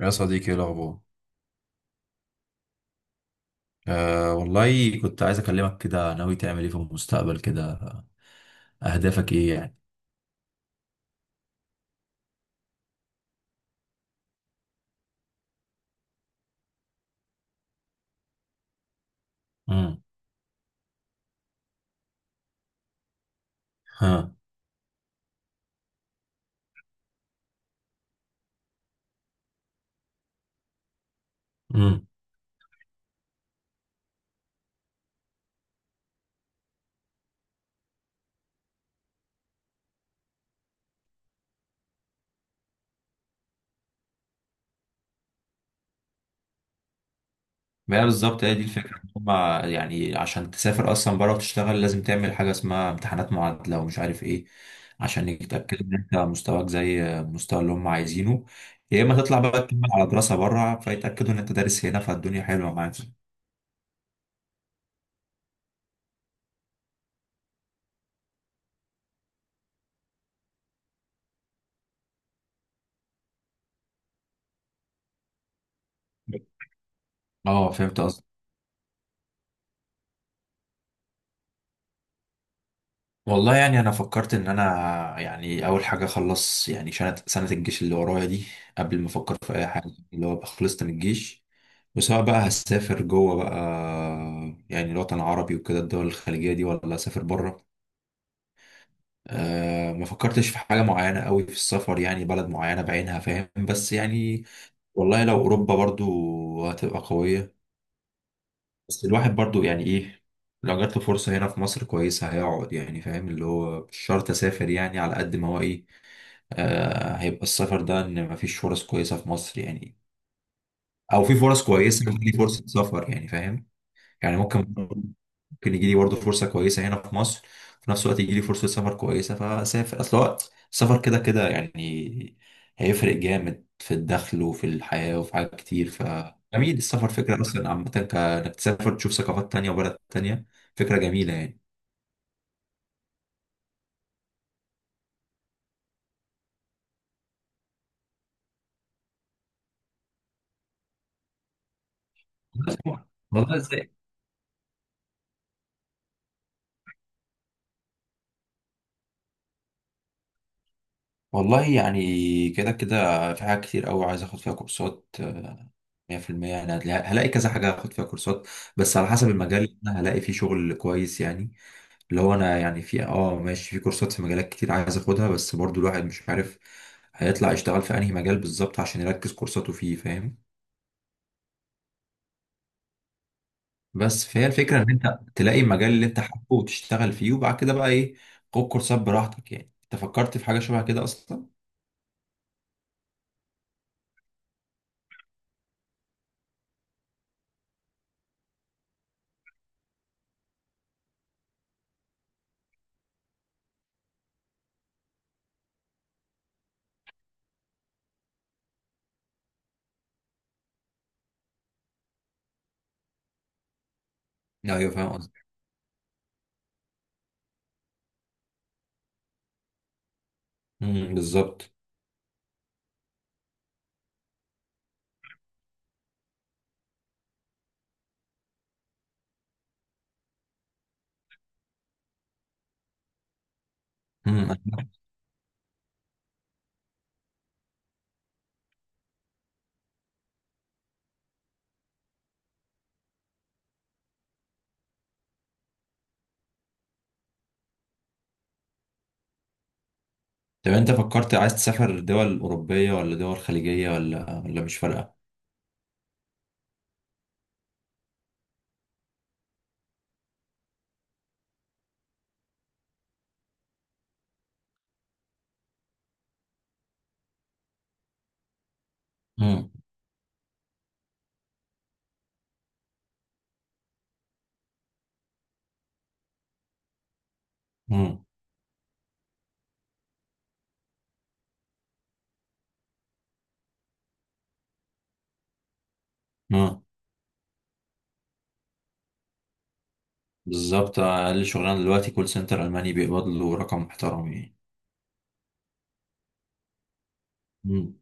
يا صديقي، ايه الاخبار؟ آه والله، كنت عايز اكلمك كده. ناوي تعمل ايه في المستقبل كده؟ اهدافك ايه يعني؟ امم. ها. امم. بقى بالظبط، هي دي الفكره. هما يعني عشان تسافر اصلا بره وتشتغل، لازم تعمل حاجه اسمها امتحانات معادله ومش عارف ايه، عشان يتاكدوا ان انت مستواك زي المستوى اللي هم عايزينه. يا اما تطلع بقى تكمل على دراسه بره، فيتاكدوا ان انت دارس هنا، فالدنيا حلوه معاك. اه، فهمت. والله يعني انا فكرت ان انا يعني اول حاجه اخلص يعني سنه الجيش اللي ورايا دي، قبل ما افكر في اي حاجه. اللي هو ابقى خلصت من الجيش، وسواء بقى هسافر جوه بقى، يعني الوطن العربي وكده، الدول الخليجيه دي، ولا اسافر بره. أه، ما فكرتش في حاجه معينه قوي في السفر، يعني بلد معينه بعينها، فاهم؟ بس يعني والله لو اوروبا، برضو هتبقى قويه. بس الواحد برضو يعني ايه، لو جات له فرصه هنا في مصر كويسه، هيقعد، يعني فاهم؟ اللي هو مش شرط اسافر، يعني على قد ما هو ايه. آه، هيبقى السفر ده ان مفيش فرص كويسه في مصر يعني، او في فرص كويسه بس ليه فرصه سفر، يعني فاهم؟ يعني ممكن، ممكن يجي لي برضه فرصه كويسه هنا في مصر، في نفس الوقت يجي لي فرصه سفر كويسه، فاسافر. اصل هو السفر كده كده يعني هيفرق جامد في الدخل وفي الحياه وفي حاجات كتير. ف جميل السفر فكره اصلا عامه، كانك تسافر تشوف ثقافات تانية وبلد تانية، فكره جميله يعني. والله والله والله يعني كده كده في حاجات كتير قوي عايز اخد فيها كورسات. آه، 100% يعني هلاقي كذا حاجة هاخد فيها كورسات، بس على حسب المجال اللي انا هلاقي فيه شغل كويس يعني. اللي هو انا يعني في اه ماشي، في كورسات في مجالات كتير عايز اخدها، بس برضو الواحد مش عارف هيطلع يشتغل في انهي مجال بالظبط عشان يركز كورساته فيه، فاهم؟ بس فهي الفكرة ان انت تلاقي المجال اللي انت حابه وتشتغل فيه، وبعد كده بقى ايه، خد كورسات براحتك. يعني انت فكرت في حاجة شبه كده اصلا؟ ايوه، فاهم قصدي. أمم، بالظبط. طب انت فكرت عايز تسافر دول أوروبية، ولا دول خليجية، ولا مش فارقة؟ امم. امم. امم. بالظبط، أقل شغلانة دلوقتي كول سنتر ألماني بيقبض له رقم محترم يعني. امم.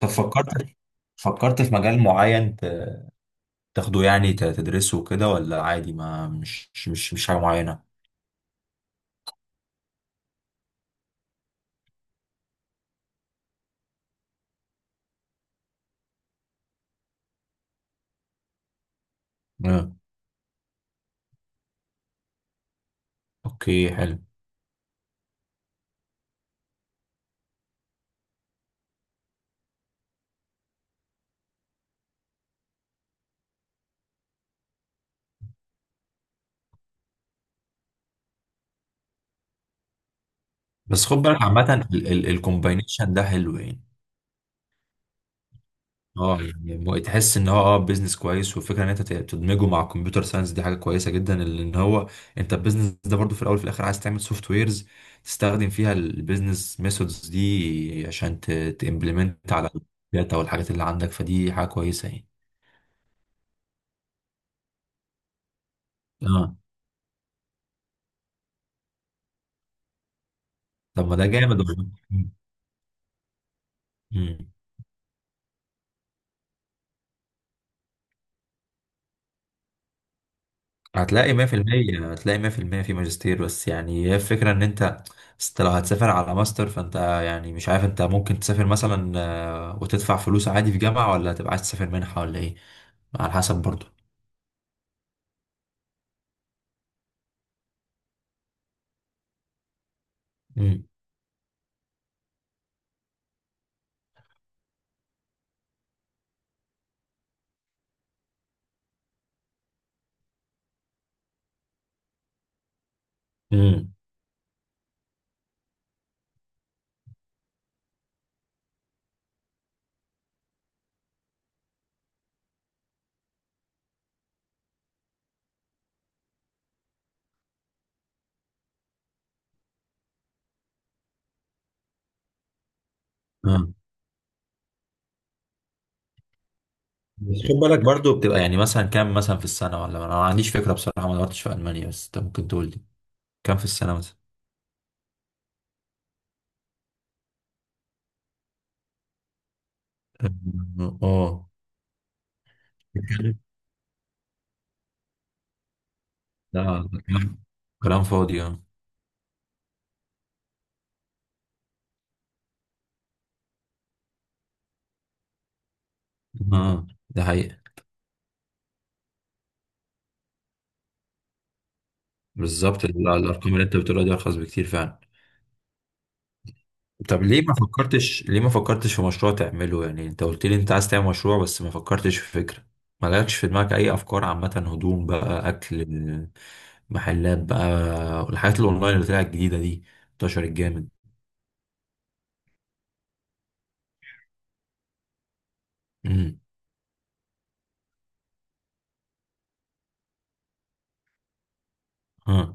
طب فكرت، فكرت في مجال معين تاخده يعني تدرسه كده، ولا عادي ما مش حاجة معينة؟ امم. اوكي، حلو. بس خد بالك عامة الكومباينيشن ده حلو يعني. اه يعني تحس ان هو اه بيزنس كويس، والفكره ان انت تدمجه مع الكمبيوتر ساينس، دي حاجه كويسه جدا، لان هو انت البيزنس ده برضو في الاول وفي الاخر عايز تعمل سوفت ويرز تستخدم فيها البيزنس ميثودز دي عشان تمبلمنت على الداتا والحاجات اللي عندك، فدي حاجه كويسه يعني. اه. طب ما ده جامد والله. هتلاقي 100%، هتلاقي 100% في المية في ماجستير. بس يعني هي الفكرة ان انت، أصل لو هتسافر على ماستر، فانت يعني مش عارف، انت ممكن تسافر مثلا آه، وتدفع فلوس عادي في جامعة، ولا هتبقى عايز تسافر منحة، ولا ايه؟ على حسب برضو. امم. امم. آه. بس خد بالك برضو بتبقى يعني مثلا كام مثلا في السنة؟ ولا انا ما عنديش فكرة بصراحة، ما دورتش في ألمانيا، بس انت ممكن تقول لي كام في السنة مثلا. أم، اه. لا، كلام، كلام فاضي. اه. آه، ده حقيقة. بالظبط الارقام اللي انت بتقولها دي ارخص بكتير فعلا. طب ليه ما فكرتش، ليه ما فكرتش في مشروع تعمله؟ يعني انت قلت لي انت عايز تعمل مشروع، بس ما فكرتش في فكرة؟ ما لكش في دماغك اي افكار عامة؟ هدوم بقى، اكل، محلات بقى، الحاجات الاونلاين اللي طلعت الجديدة دي، انتشرت جامد. امم. ها.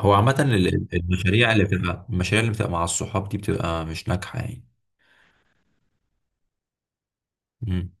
هو عامة المشاريع اللي بتبقى، المشاريع اللي بتبقى مع الصحاب دي بتبقى مش ناجحة يعني. امم.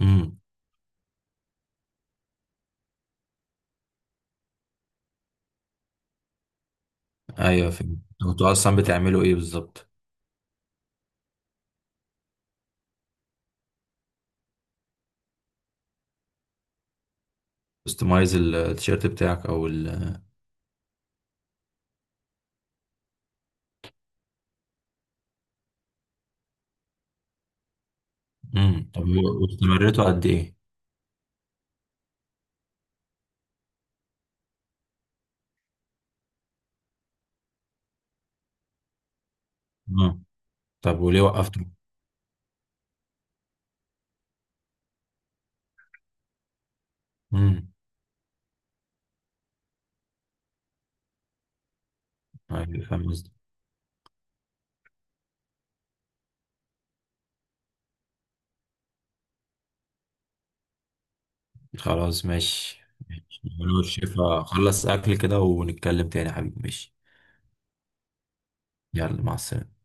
امم. ايوه، فهمت. طب انتوا اصلا بتعملوا ايه بالظبط؟ كستمايز التيشيرت بتاعك او ال. امم. طب واستمريتوا قد ايه؟ طب وليه وقفته؟ امم. أيوة، فاهم قصدي. خلاص، ماشي. ماشي. أنا والشيف هخلص أكل كده ونتكلم تاني يا حبيبي، ماشي؟ يلا، مع السلامة.